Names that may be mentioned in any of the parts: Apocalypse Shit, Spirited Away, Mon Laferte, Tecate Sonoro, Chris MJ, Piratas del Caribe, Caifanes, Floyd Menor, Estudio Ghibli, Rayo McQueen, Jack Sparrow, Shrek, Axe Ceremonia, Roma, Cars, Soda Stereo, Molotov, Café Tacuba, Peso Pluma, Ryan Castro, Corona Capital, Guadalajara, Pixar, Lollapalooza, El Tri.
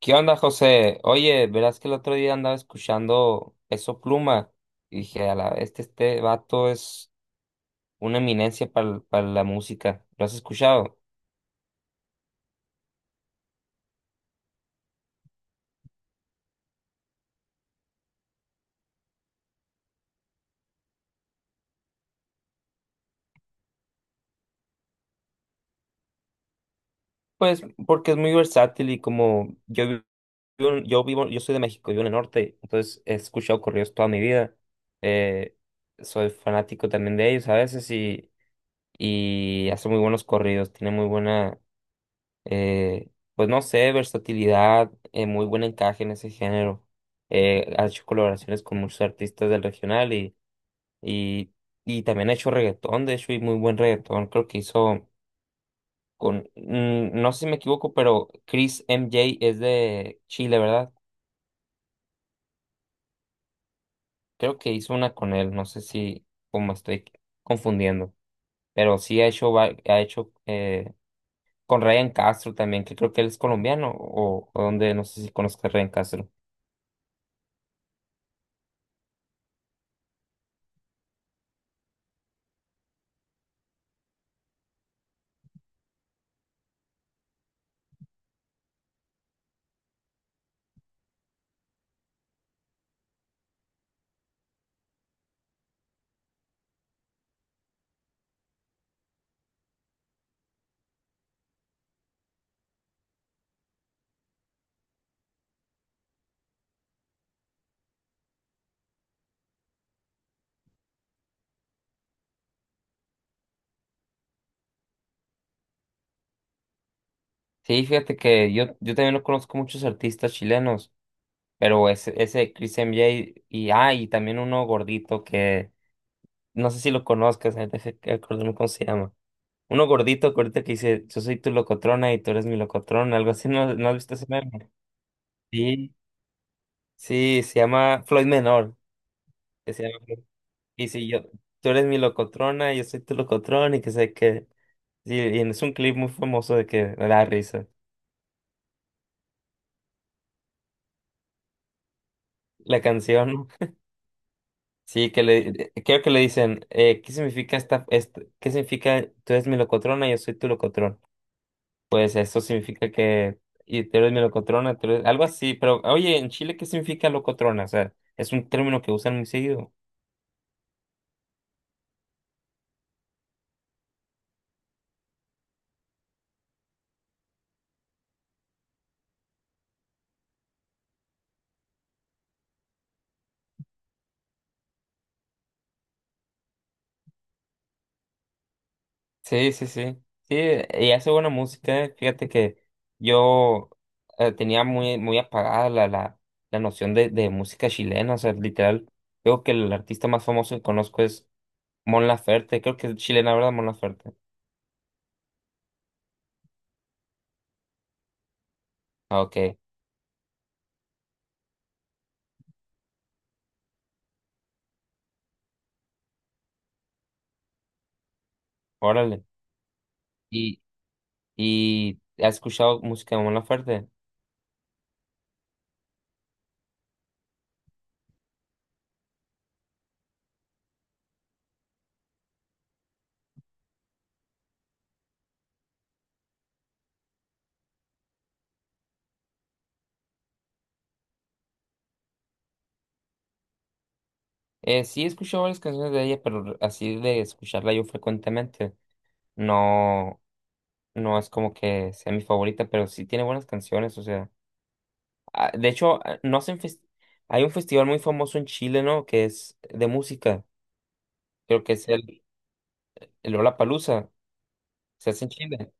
¿Qué onda, José? Oye, verás que el otro día andaba escuchando Peso Pluma y dije, a la este vato es una eminencia para la música. ¿Lo has escuchado? Pues porque es muy versátil y como yo vivo, yo soy de México, vivo en el norte, entonces he escuchado corridos toda mi vida. Eh, Soy fanático también de ellos a veces y hace muy buenos corridos, tiene muy buena, Eh, pues no sé, versatilidad, muy buen encaje en ese género. Ha hecho colaboraciones con muchos artistas del regional y, y también ha hecho reggaetón, de hecho, y muy buen reggaetón. Creo que hizo con, no sé si me equivoco, pero Chris MJ es de Chile, ¿verdad? Creo que hizo una con él, no sé si como estoy confundiendo, pero sí ha ha hecho, con Ryan Castro también, que creo que él es colombiano o donde, no sé si conozco a Ryan Castro. Sí, fíjate que yo también no conozco muchos artistas chilenos, pero ese de Chris MJ y, ah, y también uno gordito que no sé si lo conozcas, deja que acordarme cómo se llama. Uno gordito, gordito que dice, yo soy tu locotrona y tú eres mi locotrona, algo así, ¿no, no has visto ese meme? Sí, sí, se llama Floyd Menor, que se llama, Floyd. Y si yo, tú eres mi locotrona, yo soy tu locotrona y que sé que, sí, y es un clip muy famoso de que me da risa, la canción. Sí, que le, de- creo que le dicen, ¿qué significa esta, este- qué significa tú eres mi locotrona, yo soy tu locotrón? Pues eso significa que, y tú eres mi locotrona, tú eres- algo así, pero oye, en Chile, ¿qué significa locotrona? O sea, es un término que usan muy seguido. Sí, sí, sí. Sí, y hace buena música, eh. Fíjate que yo, tenía muy, muy apagada la noción de música chilena, o sea, literal, creo que el artista más famoso que conozco es Mon Laferte, creo que es chilena, ¿verdad? Mon Laferte. Ah, ok. Órale. Y ¿Y has escuchado música de Mon Laferte? Sí, he escuchado varias canciones de ella, pero así de escucharla yo frecuentemente, no, no es como que sea mi favorita, pero sí tiene buenas canciones, o sea, ah, de hecho, ah, no hacen hay un festival muy famoso en Chile, ¿no? Que es de música, creo que es el Lollapalooza, se hace en Chile.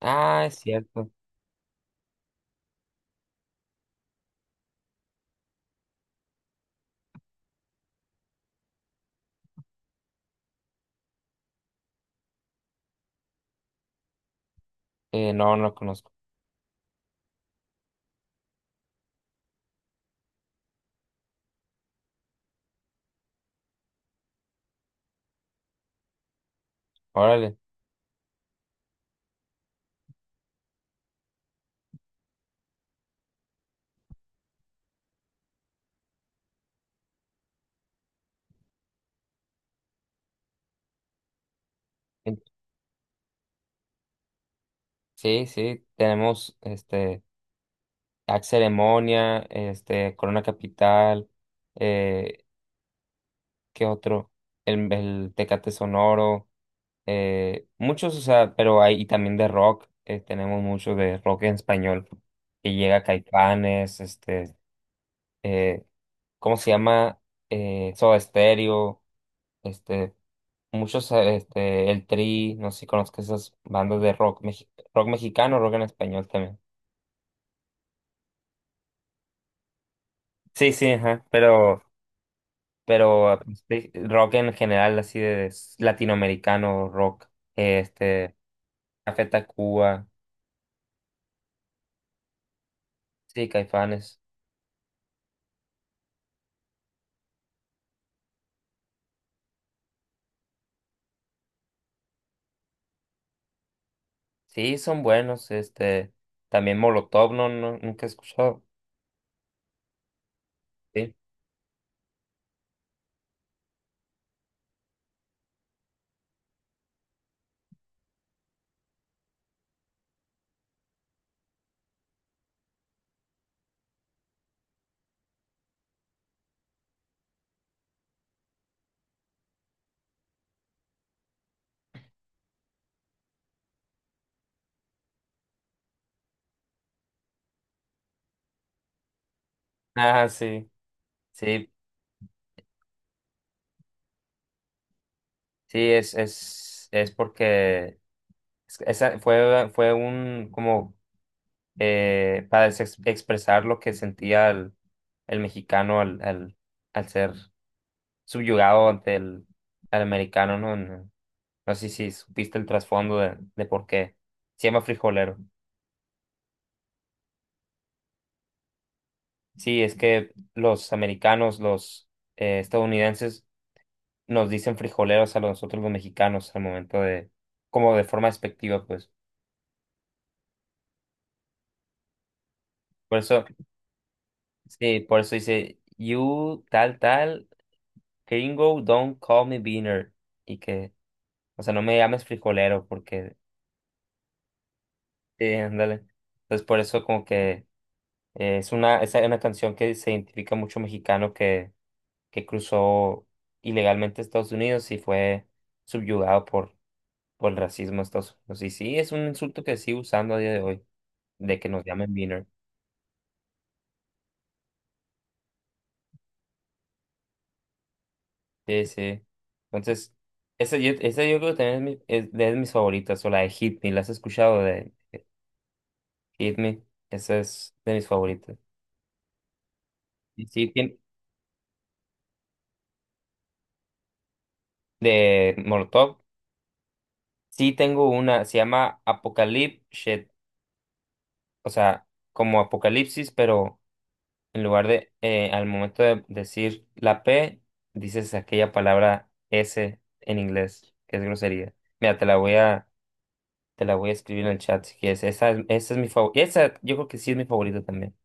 Ah, es cierto, no, no lo conozco, órale. En... Sí, sí, tenemos, este, Axe Ceremonia, este, Corona Capital, eh, ¿qué otro? El Tecate Sonoro, muchos, o sea, pero hay, y también de rock, tenemos mucho de rock en español, que llega Caifanes, este, eh, ¿cómo se llama? Soda Stereo, este, muchos, este, El Tri, no sé si conozco esas bandas de rock, rock mexicano, rock en español también. Sí, sí, ajá, pero ah, pues, sí, rock en general, así de latinoamericano, rock, este, Café Tacuba, sí, Caifanes, sí, son buenos, este, también Molotov, no, no, nunca he escuchado, sí, ah, sí, sí, sí, es porque esa fue un, como, para expresar lo que sentía el mexicano al ser subyugado ante el, al americano, ¿no? No sé si supiste el trasfondo de por qué. Se llama frijolero. Sí, es que los americanos, los, estadounidenses, nos dicen frijoleros a nosotros los mexicanos al momento de, como de forma despectiva, pues. Por eso, sí, por eso dice, you tal tal, gringo, don't call me beaner. Y que, o sea, no me llames frijolero porque, sí, ándale. Entonces, por eso como que es una canción que se identifica mucho mexicano que cruzó ilegalmente a Estados Unidos y fue subyugado por el racismo de Estados Unidos. Y sí, es un insulto que sigue usando a día de hoy, de que nos llamen beaner. Sí, sí. Entonces, esa yo creo que también es de mis favoritas, o la de Hit Me, ¿la has escuchado de Hit Me? Esa es de mis favoritas. Y sí, tiene, de Molotov, sí tengo una, se llama Apocalypse Shit, o sea, como apocalipsis, pero en lugar de, al momento de decir la P, dices aquella palabra S en inglés, que es grosería. Mira, te la voy a escribir en el chat si quieres. Esa es mi favorita. Esa yo creo que sí es mi favorita también.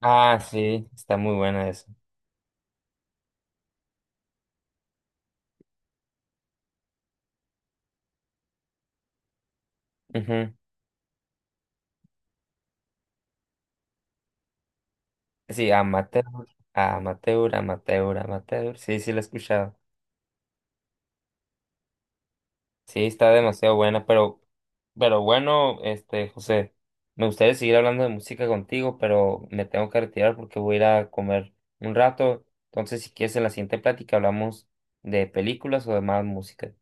Ah, sí, está muy buena esa. Ujú. Sí, amateur. Sí, sí, la he escuchado. Sí, está demasiado buena, pero bueno, este, José, me gustaría seguir hablando de música contigo, pero me tengo que retirar porque voy a ir a comer un rato. Entonces, si quieres, en la siguiente plática hablamos de películas o de más música.